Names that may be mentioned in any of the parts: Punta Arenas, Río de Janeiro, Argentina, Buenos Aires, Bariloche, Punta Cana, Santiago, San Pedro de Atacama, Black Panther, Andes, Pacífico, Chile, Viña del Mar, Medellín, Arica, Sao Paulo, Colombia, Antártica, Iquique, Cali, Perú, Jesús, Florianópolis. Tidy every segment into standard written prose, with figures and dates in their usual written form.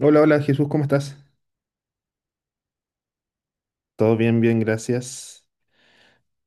Hola, hola Jesús, ¿cómo estás? Todo bien, bien, gracias.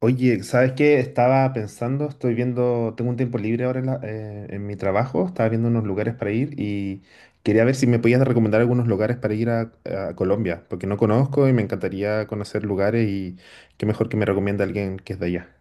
Oye, ¿sabes qué? Estaba pensando, estoy viendo, tengo un tiempo libre ahora en, en mi trabajo, estaba viendo unos lugares para ir y quería ver si me podías recomendar algunos lugares para ir a Colombia, porque no conozco y me encantaría conocer lugares y qué mejor que me recomiende alguien que es de allá.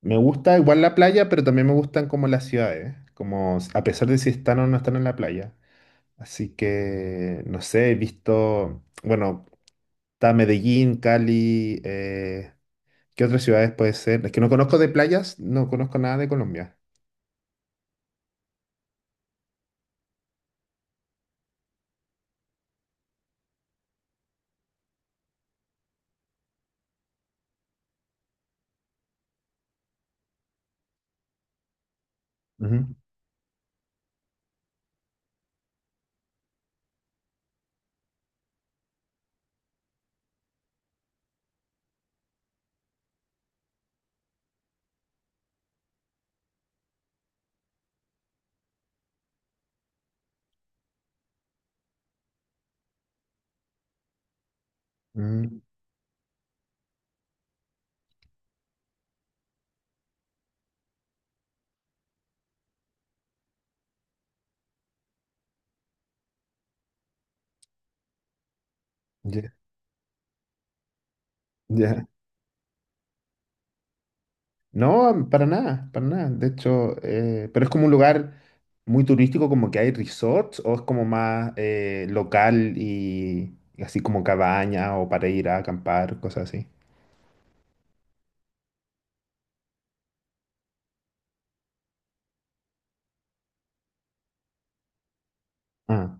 Me gusta igual la playa, pero también me gustan como las ciudades, a pesar de si están o no están en la playa. Así que, no sé, he visto, bueno. Está Medellín, Cali, ¿qué otras ciudades puede ser? Es que no conozco de playas, no conozco nada de Colombia. Ujú. Mm, ya, ya. No, para nada, para nada. De hecho, pero es como un lugar muy turístico, como que hay resorts, o es como más local y así como cabaña o para ir a acampar, cosas así. Ah,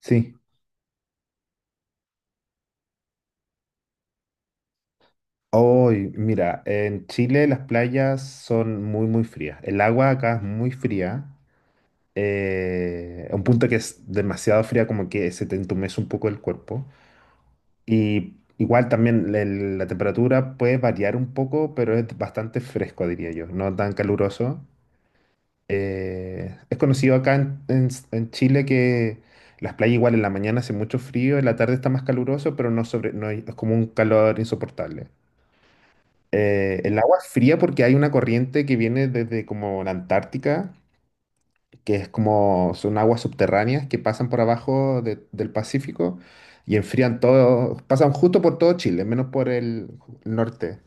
sí. Hoy, mira, en Chile las playas son muy, muy frías. El agua acá es muy fría. A un punto que es demasiado fría, como que se te entumece un poco el cuerpo. Y igual también la temperatura puede variar un poco, pero es bastante fresco, diría yo, no tan caluroso. Es conocido acá en, en Chile que las playas igual en la mañana hace mucho frío, en la tarde está más caluroso, pero no sobre, no hay- es como un calor insoportable. El agua es fría porque hay una corriente que viene desde como la Antártica, que es como son aguas subterráneas que pasan por del Pacífico y enfrían todo, pasan justo por todo Chile, menos por el norte.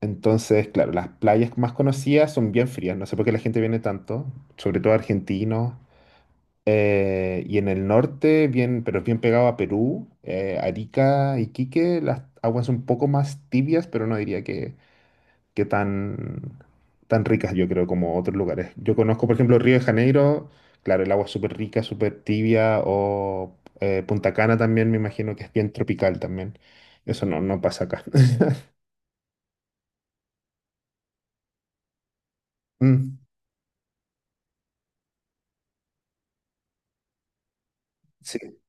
Entonces, claro, las playas más conocidas son bien frías, no sé por qué la gente viene tanto, sobre todo argentinos. Y en el norte, bien, pero es bien pegado a Perú, Arica, Iquique, las aguas son un poco más tibias, pero no diría que que tan, tan ricas, yo creo, como otros lugares. Yo conozco, por ejemplo, Río de Janeiro, claro, el agua es súper rica, súper tibia, o Punta Cana también, me imagino que es bien tropical también. Eso no, no pasa acá. Mm, sí,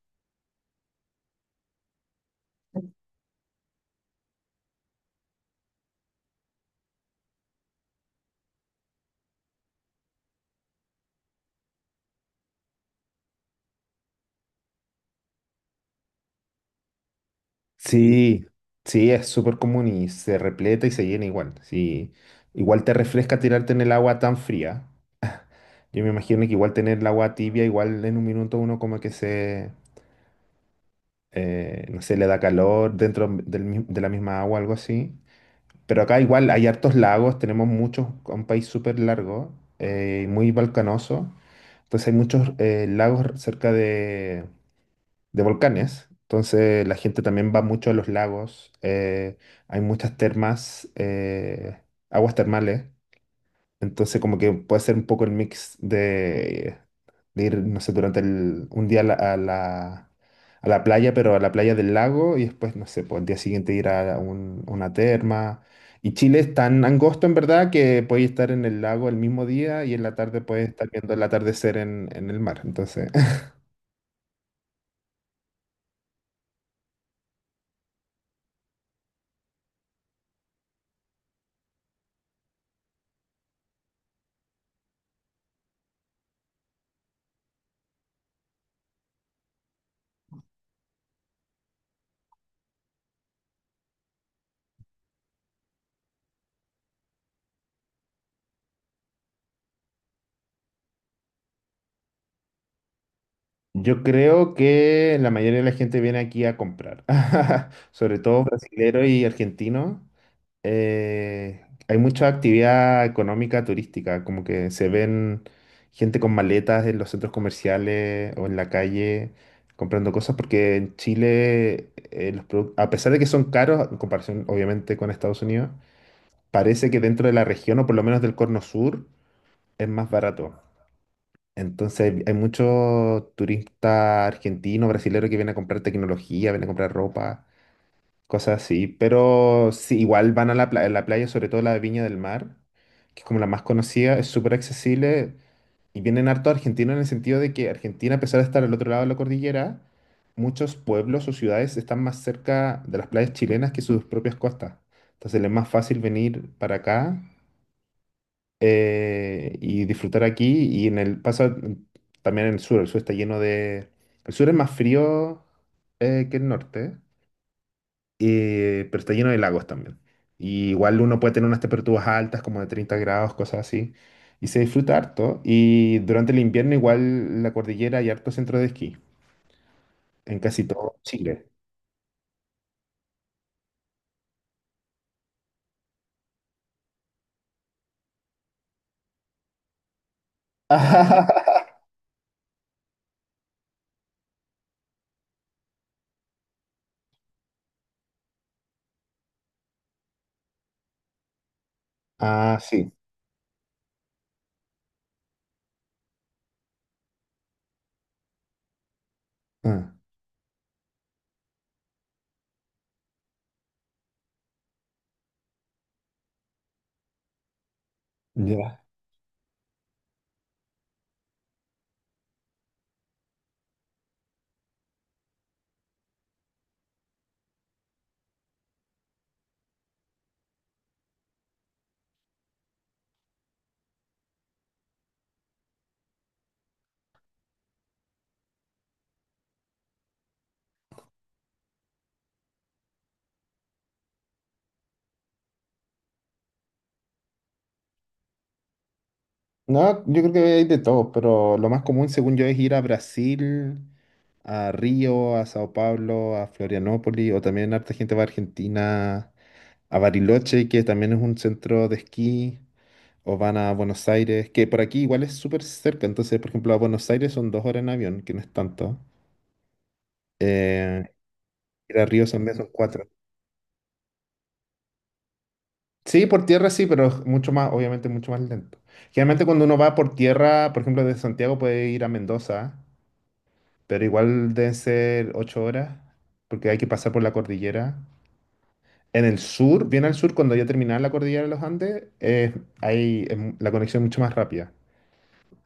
sí, sí, es súper común y se repleta y se llena igual. Sí, igual te refresca tirarte en el agua tan fría. Yo me imagino que igual tener el agua tibia, igual en un minuto uno como que se, no sé, le da calor dentro de la misma agua, algo así. Pero acá igual hay hartos lagos, tenemos muchos, un país súper largo, muy volcanoso. Entonces hay muchos lagos cerca de volcanes. Entonces la gente también va mucho a los lagos. Hay muchas termas, aguas termales. Entonces como que puede ser un poco el mix de ir, no sé, durante un día a la, a la, a la playa, pero a la playa del lago y después, no sé, pues el día siguiente ir a una terma. Y Chile es tan angosto en verdad que puedes estar en el lago el mismo día y en la tarde puedes estar viendo el atardecer en el mar. Entonces, yo creo que la mayoría de la gente viene aquí a comprar, sobre todo brasileños y argentinos. Hay mucha actividad económica turística, como que se ven gente con maletas en los centros comerciales o en la calle comprando cosas, porque en Chile, a pesar de que son caros, en comparación obviamente con Estados Unidos, parece que dentro de la región, o por lo menos del Cono Sur, es más barato. Entonces hay muchos turistas argentinos, brasileños que vienen a comprar tecnología, vienen a comprar ropa cosas así. Pero sí, igual van a la, la playa, sobre todo la de Viña del Mar, que es como la más conocida, es súper accesible y vienen harto argentinos en el sentido de que Argentina, a pesar de estar al otro lado de la cordillera, muchos pueblos o ciudades están más cerca de las playas chilenas que sus propias costas. Entonces les es más fácil venir para acá y disfrutar aquí. Y en el pasa también en el sur está lleno de... El sur es más frío que el norte, pero está lleno de lagos también. Y igual uno puede tener unas temperaturas altas, como de 30 grados, cosas así, y se disfruta harto. Y durante el invierno igual la cordillera hay harto centro de esquí, en casi todo Chile. Ah, sí. Ah, ya. No, yo creo que hay de todo, pero lo más común, según yo, es ir a Brasil, a Río, a Sao Paulo, a Florianópolis, o también harta gente va a Argentina, a Bariloche, que también es un centro de esquí. O van a Buenos Aires, que por aquí igual es súper cerca. Entonces, por ejemplo, a Buenos Aires son 2 horas en avión, que no es tanto. Eh, Ir a Río son menos, son cuatro. Sí, por tierra sí, pero es mucho más, obviamente mucho más lento. Generalmente cuando uno va por tierra, por ejemplo, desde Santiago puede ir a Mendoza, pero igual deben ser 8 horas, porque hay que pasar por la cordillera. En el sur, bien al sur, cuando ya terminaba la cordillera de los Andes, hay, la conexión es mucho más rápida.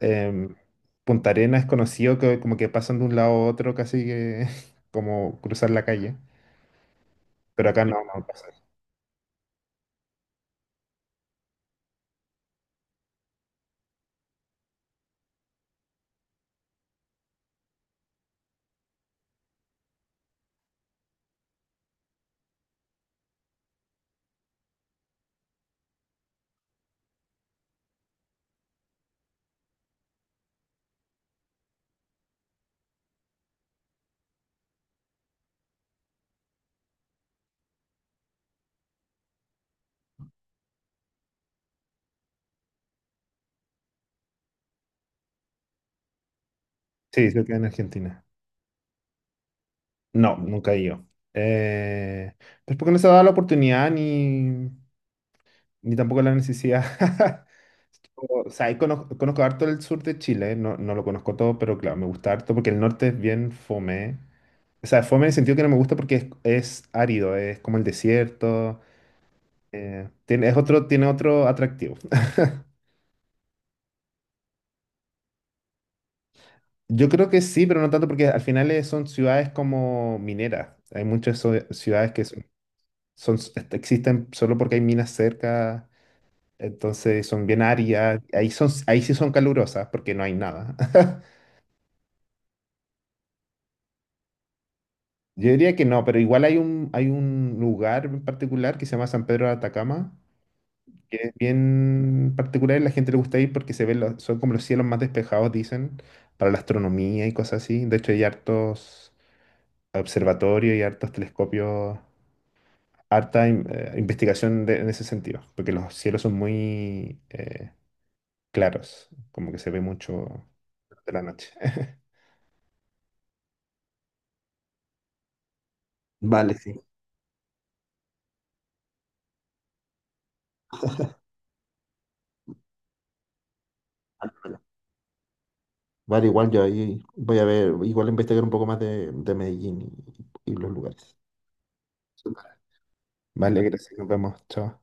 em, Punta Arenas es conocido que como que pasan de un lado a otro casi que como cruzar la calle, pero acá no, no pasa. Sí, se queda en Argentina. No, nunca he ido. Eh, pues porque no se ha dado la oportunidad ni, ni tampoco la necesidad. O sea, ahí conozco, conozco harto el sur de Chile, no, no lo conozco todo, pero claro, me gusta harto porque el norte es bien fome. O sea, fome en el sentido que no me gusta porque es árido, es como el desierto, tiene, es otro, tiene otro atractivo. Yo creo que sí, pero no tanto porque al final son ciudades como mineras. Hay muchas ciudades que son, existen solo porque hay minas cerca, entonces son bien áridas. Ahí son, ahí sí son calurosas porque no hay nada. Yo diría que no, pero igual hay un lugar en particular que se llama San Pedro de Atacama, que es bien particular y la gente le gusta ir porque se ven son como los cielos más despejados, dicen, para la astronomía y cosas así. De hecho, hay hartos observatorios y hartos telescopios, investigación en ese sentido, porque los cielos son muy claros, como que se ve mucho de la noche. Vale, sí. Vale, vale, igual yo ahí voy a ver, igual investigar un poco más de Medellín y los lugares. Vale, gracias, nos vemos, chao.